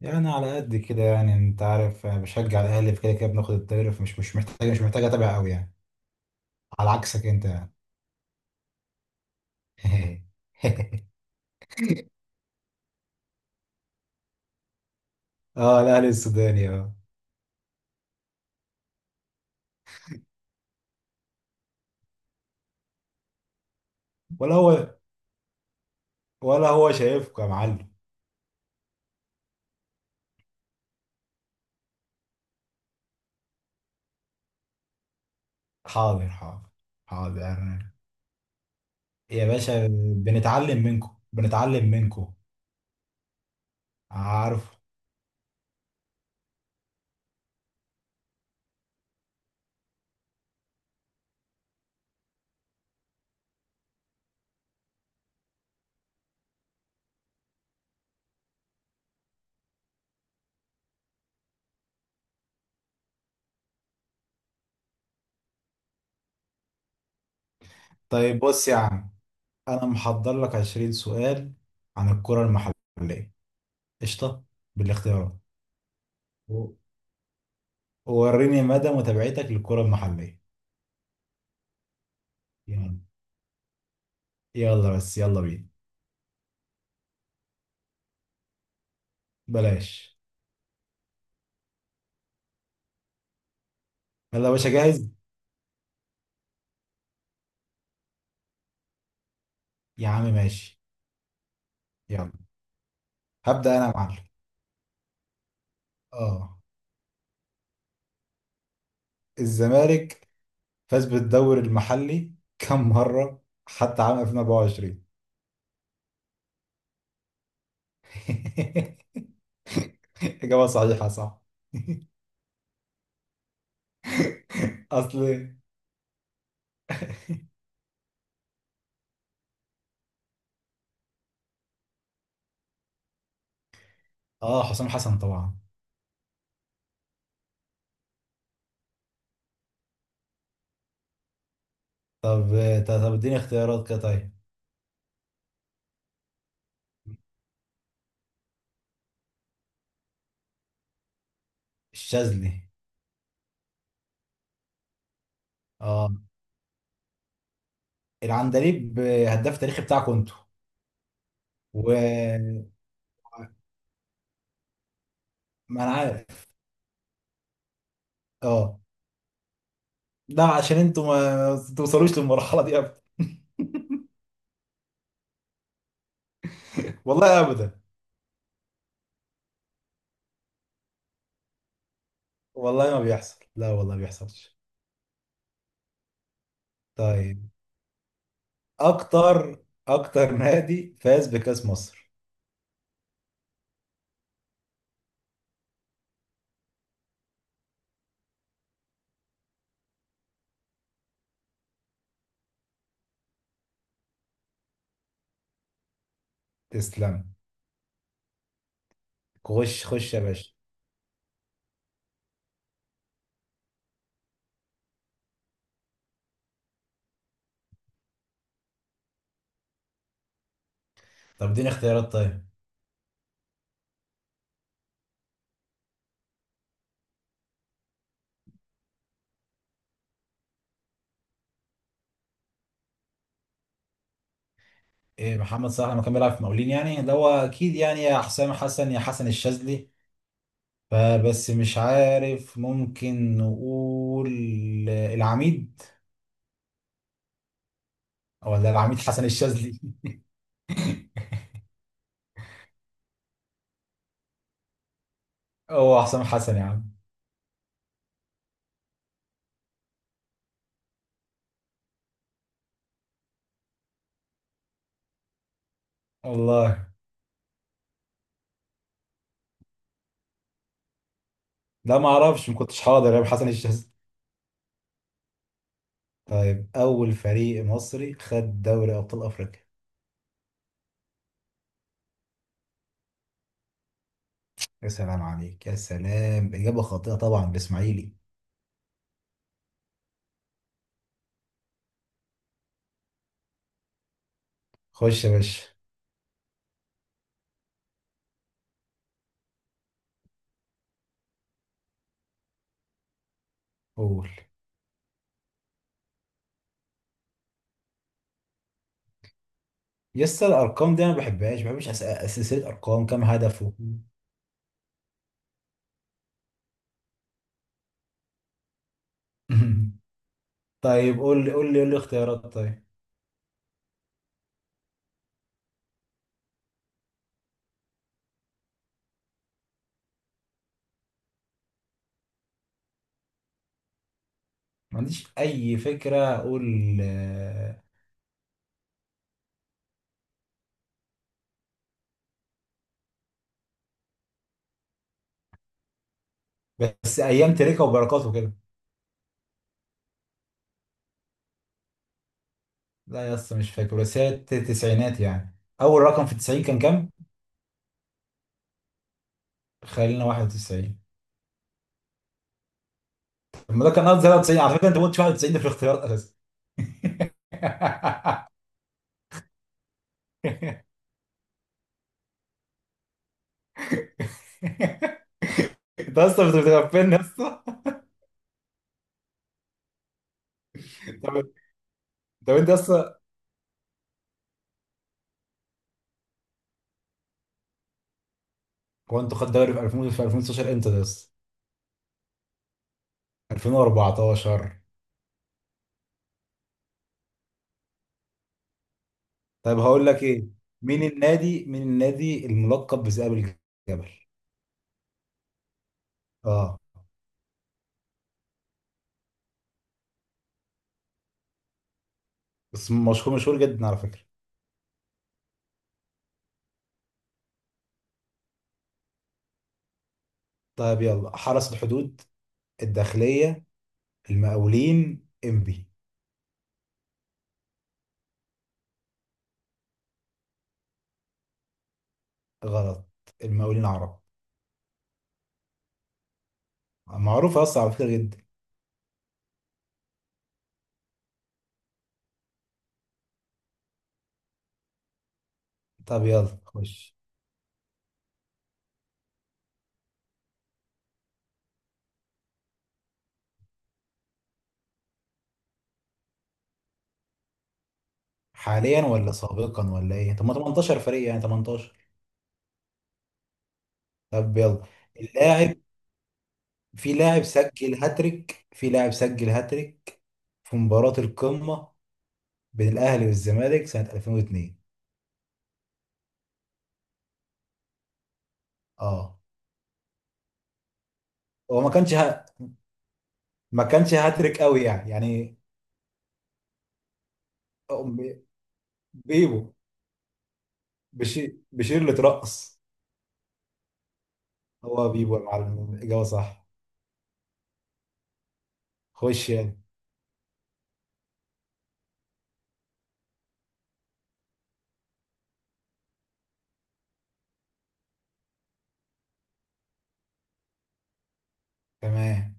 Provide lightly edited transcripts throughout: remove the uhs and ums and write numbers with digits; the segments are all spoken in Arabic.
يعني على قد كده، يعني انت عارف أنا بشجع الاهلي. في كده كده بناخد الدوري، فمش مش محتاج مش محتاج اتابع قوي يعني. على عكسك انت. يعني. اه، الاهلي السوداني، اه. ولا هو ولا هو شايفكم يا معلم. حاضر، حاضر. حاضر يا باشا. بنتعلم منكم، بنتعلم منكم. عارف. طيب، بص يا عم، انا محضر لك 20 سؤال عن الكرة المحلية. قشطة، بالاختيارات. و- ووريني مدى متابعتك للكرة المحلية. يلا، يلا بس، يلا بينا. بلاش. يلا يا باشا، جاهز. يا عم ماشي. يلا، هبدأ انا يا معلم. اه. الزمالك فاز بالدوري المحلي كم مرة حتى عام 2024؟ إجابة صحيحة، صح. اصل، اه حسام حسن طبعا. طب طب اديني اختيارات كده طيب. الشاذلي. اه، العندليب، هداف تاريخي بتاعكم انتوا. و ما انا عارف. اه، لا عشان انتوا ما توصلوش للمرحلة دي. والله ابدا. والله ما بيحصل، لا والله ما بيحصلش. طيب، اكتر نادي فاز بكاس مصر. تسلم. خش خش يا باشا. طب اديني اختيارات طيب. ايه، محمد صلاح لما كان بيلعب في مقاولين يعني، اللي هو اكيد يعني، يا حسام حسن يا حسن الشاذلي. فبس مش عارف، ممكن نقول العميد ولا العميد حسن الشاذلي. هو حسام حسن يا عم. والله لا، ما اعرفش، ما كنتش حاضر يا حسن الشاذلي. طيب، أول فريق مصري خد دوري أبطال أفريقيا. يا سلام عليك يا سلام، إجابة خاطئة طبعا، بإسماعيلي. خش يا باشا. قول. يس، الأرقام دي أنا ما بحبهاش، ما بحبش سلسلة أرقام. كام هدفه؟ طيب، قول لي قول لي قول لي اختيارات طيب. ما عنديش أي فكرة، أقول آه. بس أيام تريكة وبركاته كده. لا يا اسطى مش فاكر، بس هي التسعينات يعني. أول رقم في التسعين كان كام؟ خلينا 91. طب ما ده كان قصدي 93 على فكرة، أنت ما قلتش 91 ده في الاختيارات. انت اصلا بتغفلني يا اسطى. طب طب انت اصلا، هو انتوا خدتوا الدوري في 2000، في 2016 امتى ده اصلا؟ 2014. طب هقول لك ايه، مين النادي الملقب بذئاب الجبل؟ اه بس مشهور، مشهور جدا على فكرة. طيب يلا، حرس الحدود، الداخلية، المقاولين، انبي. غلط، المقاولين عرب. معروف اصلا على فكرة جدا. طب يلا خش. حاليا ولا سابقا ولا ايه؟ طب ما 18 فريق يعني، 18. طب يلا، اللاعب، في لاعب سجل هاتريك، في مباراة القمة بين الأهلي والزمالك سنة 2002. اه، هو ما كانش ما كانش هاتريك قوي يعني، يعني. أم- بيبو. بشير اللي اترقص. هو بيبو يا معلم، الإجابة صح. خش يعني. تمام.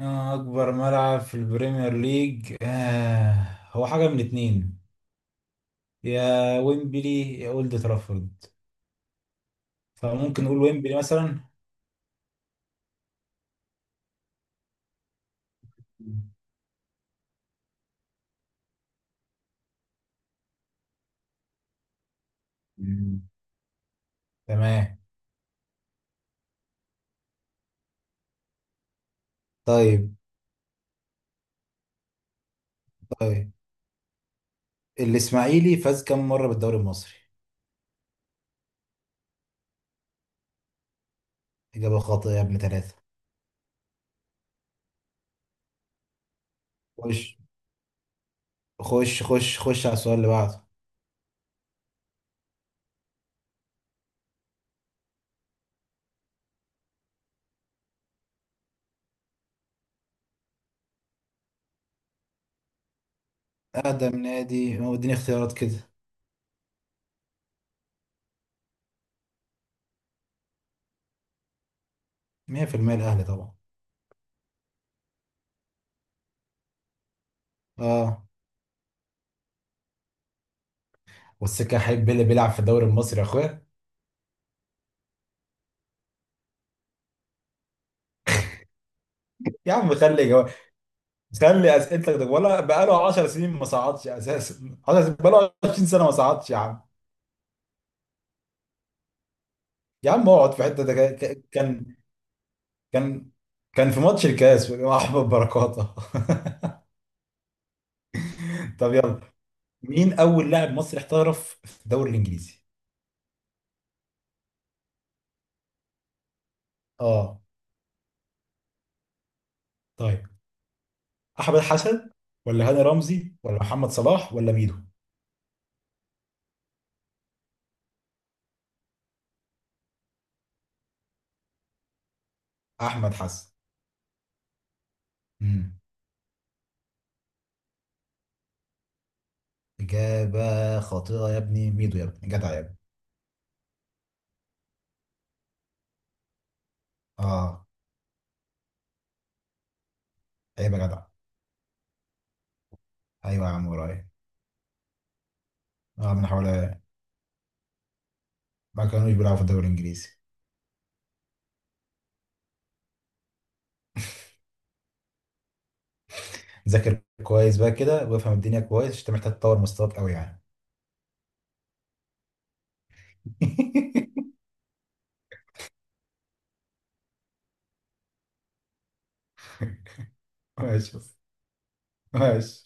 آه، أكبر ملعب في البريمير ليج. آه، هو حاجة من اتنين، يا ويمبلي يا أولد ترافورد. فممكن نقول ويمبلي مثلا. مم. تمام. طيب. طيب، الاسماعيلي فاز كم مرة بالدوري المصري؟ إجابة خاطئة يا ابن ثلاثة. خش خش خش، خش على السؤال اللي بعده. أقدم نادي، هو اديني اختيارات كده. 100%، الأهلي طبعا. اه، والسكة حبيب بيلي بيلعب في الدوري المصري يا اخويا. يا عم خلي خلي اسئلتك ده، ولا بقاله 10 سنين ما صعدش اساسا. 10 سنين، بقاله 20 سنة ما صعدش يا عم. يا عم اقعد في حتة ده. كان كان في ماتش الكاس مع احمد بركاته. طب يلا، مين اول لاعب مصري احترف في الدوري الانجليزي؟ اه. طيب، احمد حسن ولا هاني رمزي ولا محمد صلاح ولا ميدو؟ احمد حسن. امم، اجابه خاطئه يا ابني، ميدو يا ابني، جدع يا ابني. اه. عيب يا جدع. ايوه يا عم، ورايا. اه، من حوالي. ما كانوش بيلعبوا في الدوري الانجليزي. ذاكر كويس بقى كده، وافهم الدنيا كويس، عشان انت محتاج تطور مستواك قوي يعني. ماشي. ماشي.